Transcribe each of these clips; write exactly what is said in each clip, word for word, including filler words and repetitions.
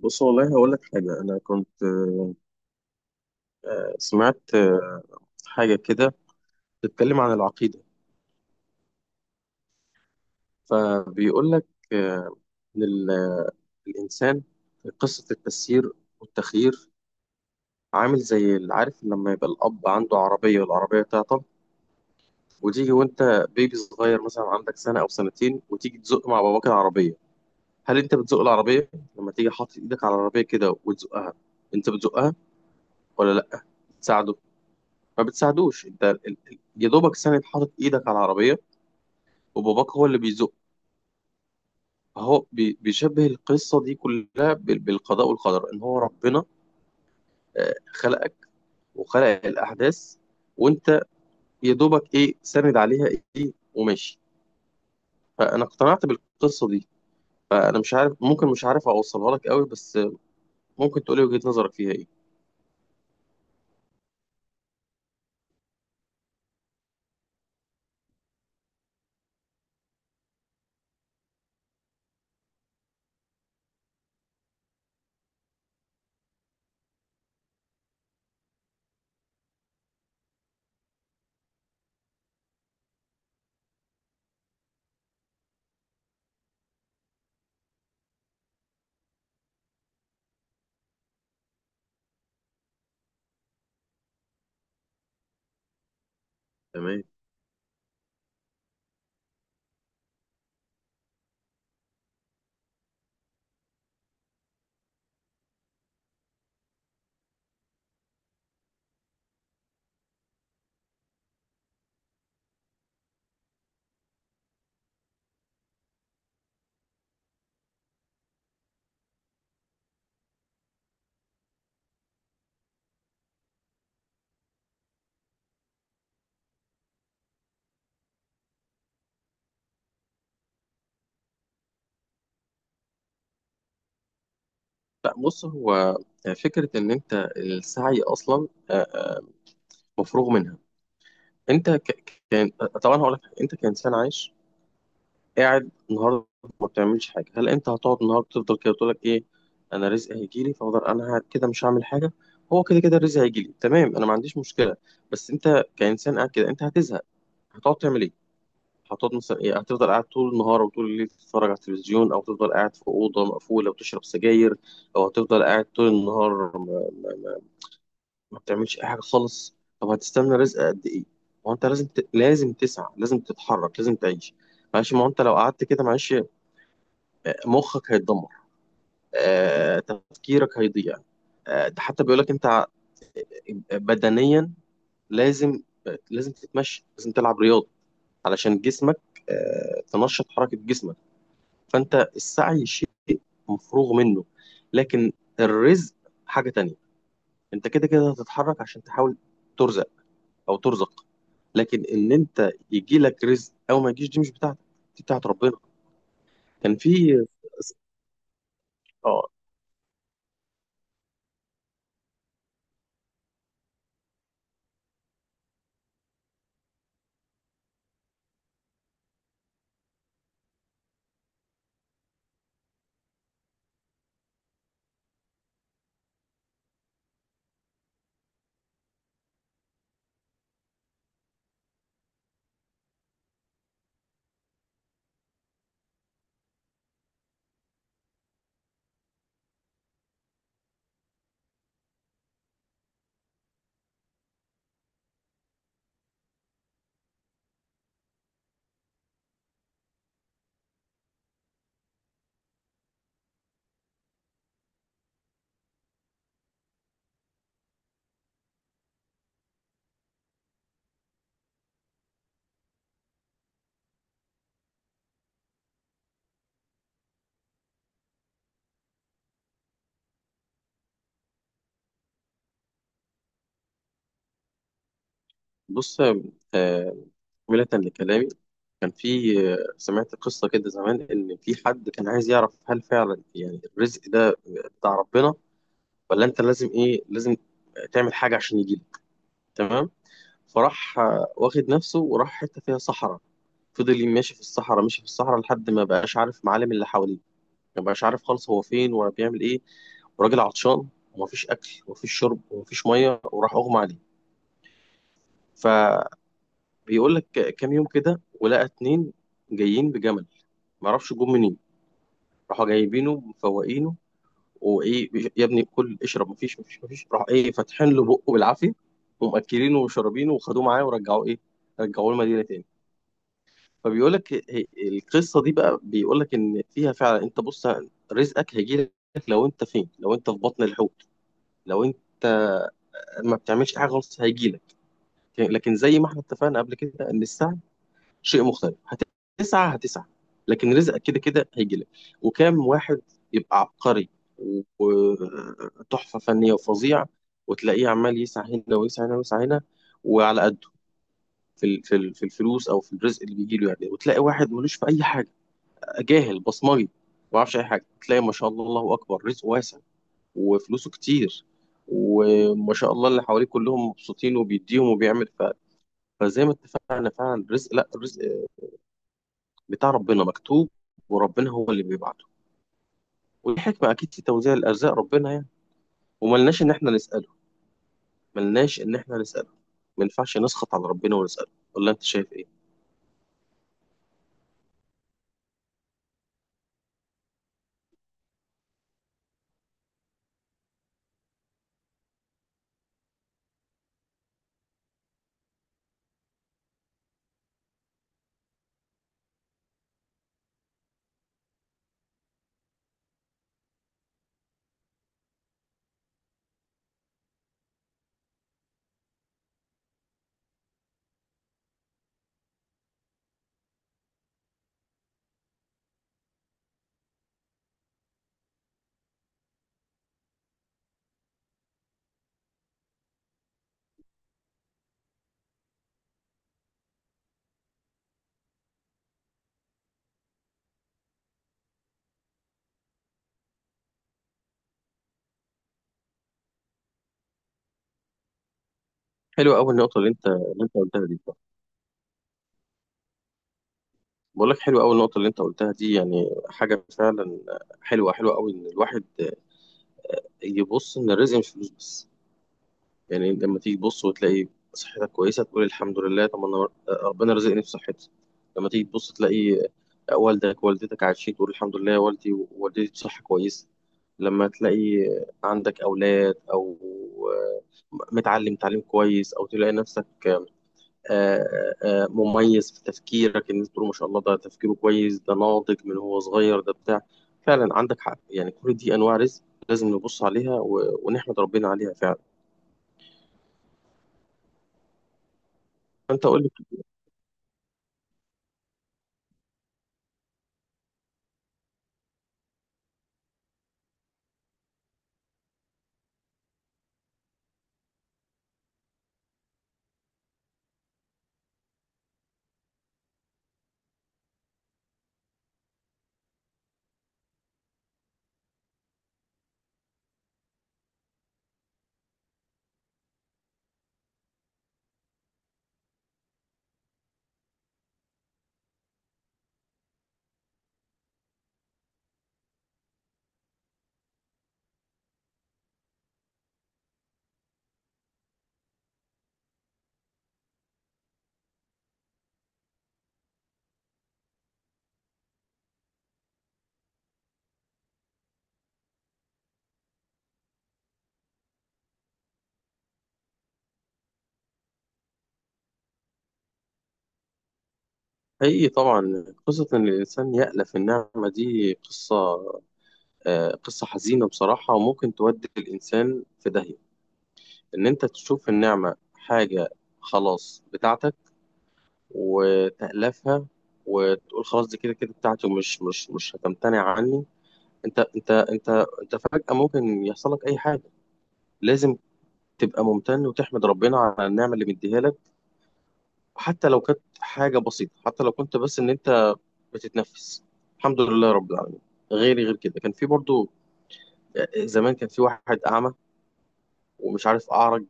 بص، والله هقول لك حاجة. أنا كنت آه، سمعت آه، حاجة كده بتتكلم عن العقيدة. فبيقول لك آه، إن ال- آه، الإنسان في قصة التسيير والتخيير عامل زي اللي عارف لما يبقى الأب عنده عربية والعربية تعطل، وتيجي وأنت بيبي صغير مثلا عندك سنة أو سنتين وتيجي تزق مع باباك العربية. هل أنت بتزق العربية لما تيجي حاطط إيدك على العربية كده وتزقها؟ أنت بتزقها ولا لأ؟ تساعده؟ ما بتساعدوش، انت ال- ال- يا دوبك ساند حاطط ايدك على العربيه، وباباك هو اللي بيزق. هو بي- بيشبه القصه دي كلها بال- بالقضاء والقدر، ان هو ربنا آه، خلقك وخلق الاحداث، وانت يا دوبك ايه ساند عليها، ايه وماشي. فانا اقتنعت بالقصه دي. فانا مش عارف، ممكن مش عارف اوصلها لك قوي، بس ممكن تقولي وجهه نظرك فيها ايه؟ تمام. لا بص، هو آه، فكره ان انت السعي اصلا آه، مفروغ منها. انت ك... كان، طبعا هقول لك انت كانسان عايش قاعد النهارده ما بتعملش حاجه، هل انت هتقعد النهارده تفضل كده تقول لك ايه، انا رزقي هيجي لي فافضل انا قاعد كده مش هعمل حاجه، هو كده كده الرزق هيجي لي؟ تمام، انا ما عنديش مشكله، بس انت كانسان قاعد كده انت هتزهق. هتقعد تعمل ايه؟ هتقعد مثلا ايه، هتفضل قاعد طول النهار وطول الليل تتفرج على التلفزيون، او تفضل قاعد في اوضه مقفوله وتشرب سجاير، او هتفضل قاعد طول النهار ما, ما, ما, ما, بتعملش اي حاجه خالص؟ طب هتستنى رزق قد ايه؟ ما هو انت لازم ت... لازم تسعى، لازم تتحرك، لازم تعيش. معلش، ما هو انت لو قعدت كده معلش مخك هيتدمر، آه، تفكيرك هيضيع. آه، ده حتى بيقول لك انت بدنيا لازم لازم تتمشى، لازم تلعب رياضه علشان جسمك آه، تنشط حركه جسمك. فانت السعي شيء مفروغ منه، لكن الرزق حاجه تانية. انت كده كده هتتحرك عشان تحاول ترزق او ترزق، لكن ان انت يجي لك رزق او ما يجيش دي مش بتاعتك، دي بتاعت ربنا. كان في، اه بص آه، ملة لكلامي. كان في، سمعت قصة كده زمان إن في حد كان عايز يعرف هل فعلا يعني الرزق ده بتاع ربنا، ولا أنت لازم إيه لازم تعمل حاجة عشان يجيلك. تمام. فراح آه، واخد نفسه وراح حتة فيها صحراء. فضل ماشي في الصحراء، ماشي في الصحراء، لحد ما بقاش عارف معالم اللي حواليه. ما بقاش عارف خالص هو فين ولا بيعمل إيه، وراجل عطشان ومفيش أكل ومفيش شرب ومفيش مية، وراح أغمى عليه. فبيقول لك كام يوم كده، ولقى اتنين جايين بجمل، معرفش جم منين، راحوا جايبينه مفوقينه وايه، يا ابني كل اشرب، مفيش مفيش مفيش، راح ايه فاتحين له بقه بالعافيه، ومأكلينه وشربينه وخدوه معاه، ورجعوه ايه، رجعوه المدينه تاني. فبيقول لك ه- القصه دي بقى، بيقول لك ان فيها فعلا انت بص، رزقك هيجي لك، لو انت فين، لو انت في بطن الحوت، لو انت ما بتعملش حاجه خالص هيجي لك. لكن زي ما احنا اتفقنا قبل كده ان السعي شيء مختلف. هتسعى، هتسعى، لكن رزقك كده كده هيجي لك. وكام واحد يبقى عبقري وتحفة فنية وفظيع، وتلاقيه عمال يسعى هنا ويسعى هنا ويسعى هنا، وعلى قده في ال- في ال- في الفلوس، او في الرزق اللي بيجي له يعني. وتلاقي واحد ملوش في اي حاجة، جاهل بصمجي، ما يعرفش اي حاجة، تلاقي ما شاء الله الله اكبر، رزقه واسع وفلوسه كتير، وما شاء الله اللي حواليه كلهم مبسوطين وبيديهم وبيعمل ف... فزي ما اتفقنا فعلا، الرزق، لا، الرزق بتاع ربنا مكتوب، وربنا هو اللي بيبعته، والحكمة أكيد في توزيع الأرزاق ربنا يعني. وملناش إن إحنا نسأله، ملناش إن إحنا نسأله. ما ينفعش نسخط على ربنا ونسأله، ولا أنت شايف إيه؟ حلوة أول نقطة اللي أنت اللي أنت قلتها دي. بقول لك حلوة أول نقطة اللي أنت قلتها دي، يعني حاجة فعلا حلوة، حلوة أوي، إن الواحد يبص إن الرزق مش فلوس بس. يعني لما تيجي تبص وتلاقي صحتك كويسة تقول الحمد لله، طب أنا ربنا رزقني بصحتي. لما تيجي تبص تلاقي والدك والدتك عايشين تقول الحمد لله يا والدي ووالدتي بصحة كويسة. لما تلاقي عندك أولاد، أو متعلم تعليم كويس، أو تلاقي نفسك آه، آه، آه، مميز في تفكيرك، الناس تقول ما شاء الله، ده تفكيره كويس، ده ناضج من هو صغير، ده بتاع. فعلا عندك حق يعني، كل دي أنواع رزق لازم نبص عليها و- ونحمد ربنا عليها فعلا. فأنت أقول لك، حقيقي طبعا قصة إن الإنسان يألف النعمة دي قصة آه، قصة حزينة بصراحة، وممكن تودي الإنسان في داهية. إن أنت تشوف النعمة حاجة خلاص بتاعتك وتألفها، وتقول خلاص دي كده كده بتاعتي، ومش مش مش هتمتنع عني. أنت أنت أنت أنت فجأة ممكن يحصل لك أي حاجة. لازم تبقى ممتن وتحمد ربنا على النعمة اللي مديها لك، حتى لو كانت حاجة بسيطة، حتى لو كنت بس إن أنت بتتنفس، الحمد لله رب العالمين. غيري غير كده، كان في برضو آه، زمان، كان في واحد أعمى ومش عارف أعرج،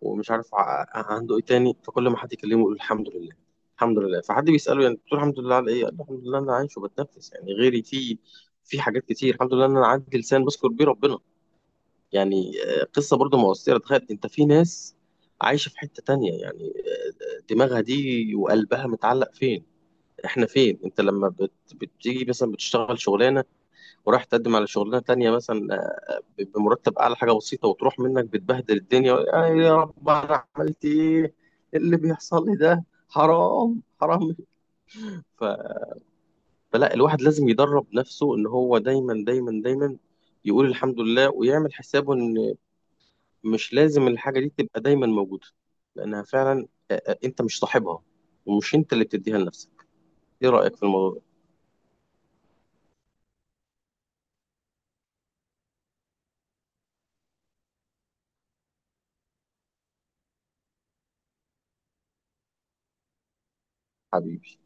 ومش عارف ع- عنده ايه تاني، فكل ما حد يكلمه يقول الحمد لله الحمد لله. فحد بيسأله يعني بتقول الحمد لله على ايه، قال له الحمد لله انا عايش وبتنفس، يعني غيري في في حاجات كتير الحمد لله، ان انا عندي لسان بذكر بيه ربنا. يعني آه، قصة برضو مؤثرة. تخيل انت في ناس عايشة في حتة تانية، يعني آه، دماغها دي وقلبها متعلق فين؟ احنا فين؟ انت لما بت... بتيجي مثلا بتشتغل شغلانة ورايح تقدم على شغلانه تانية مثلا آه، ب- بمرتب اعلى حاجه بسيطه، وتروح منك، بتبهدل الدنيا، يا يا رب انا عملت ايه، إيه اللي بيحصل لي ده، حرام حرام. ف- فلا الواحد لازم يدرب نفسه ان هو دايما دايما دايما يقول الحمد لله، ويعمل حسابه ان مش لازم الحاجه دي تبقى دايما موجوده، لانها فعلا آه، آه، انت مش صاحبها ومش انت اللي بتديها لنفسك. ايه رايك في الموضوع ده؟ حبيبي.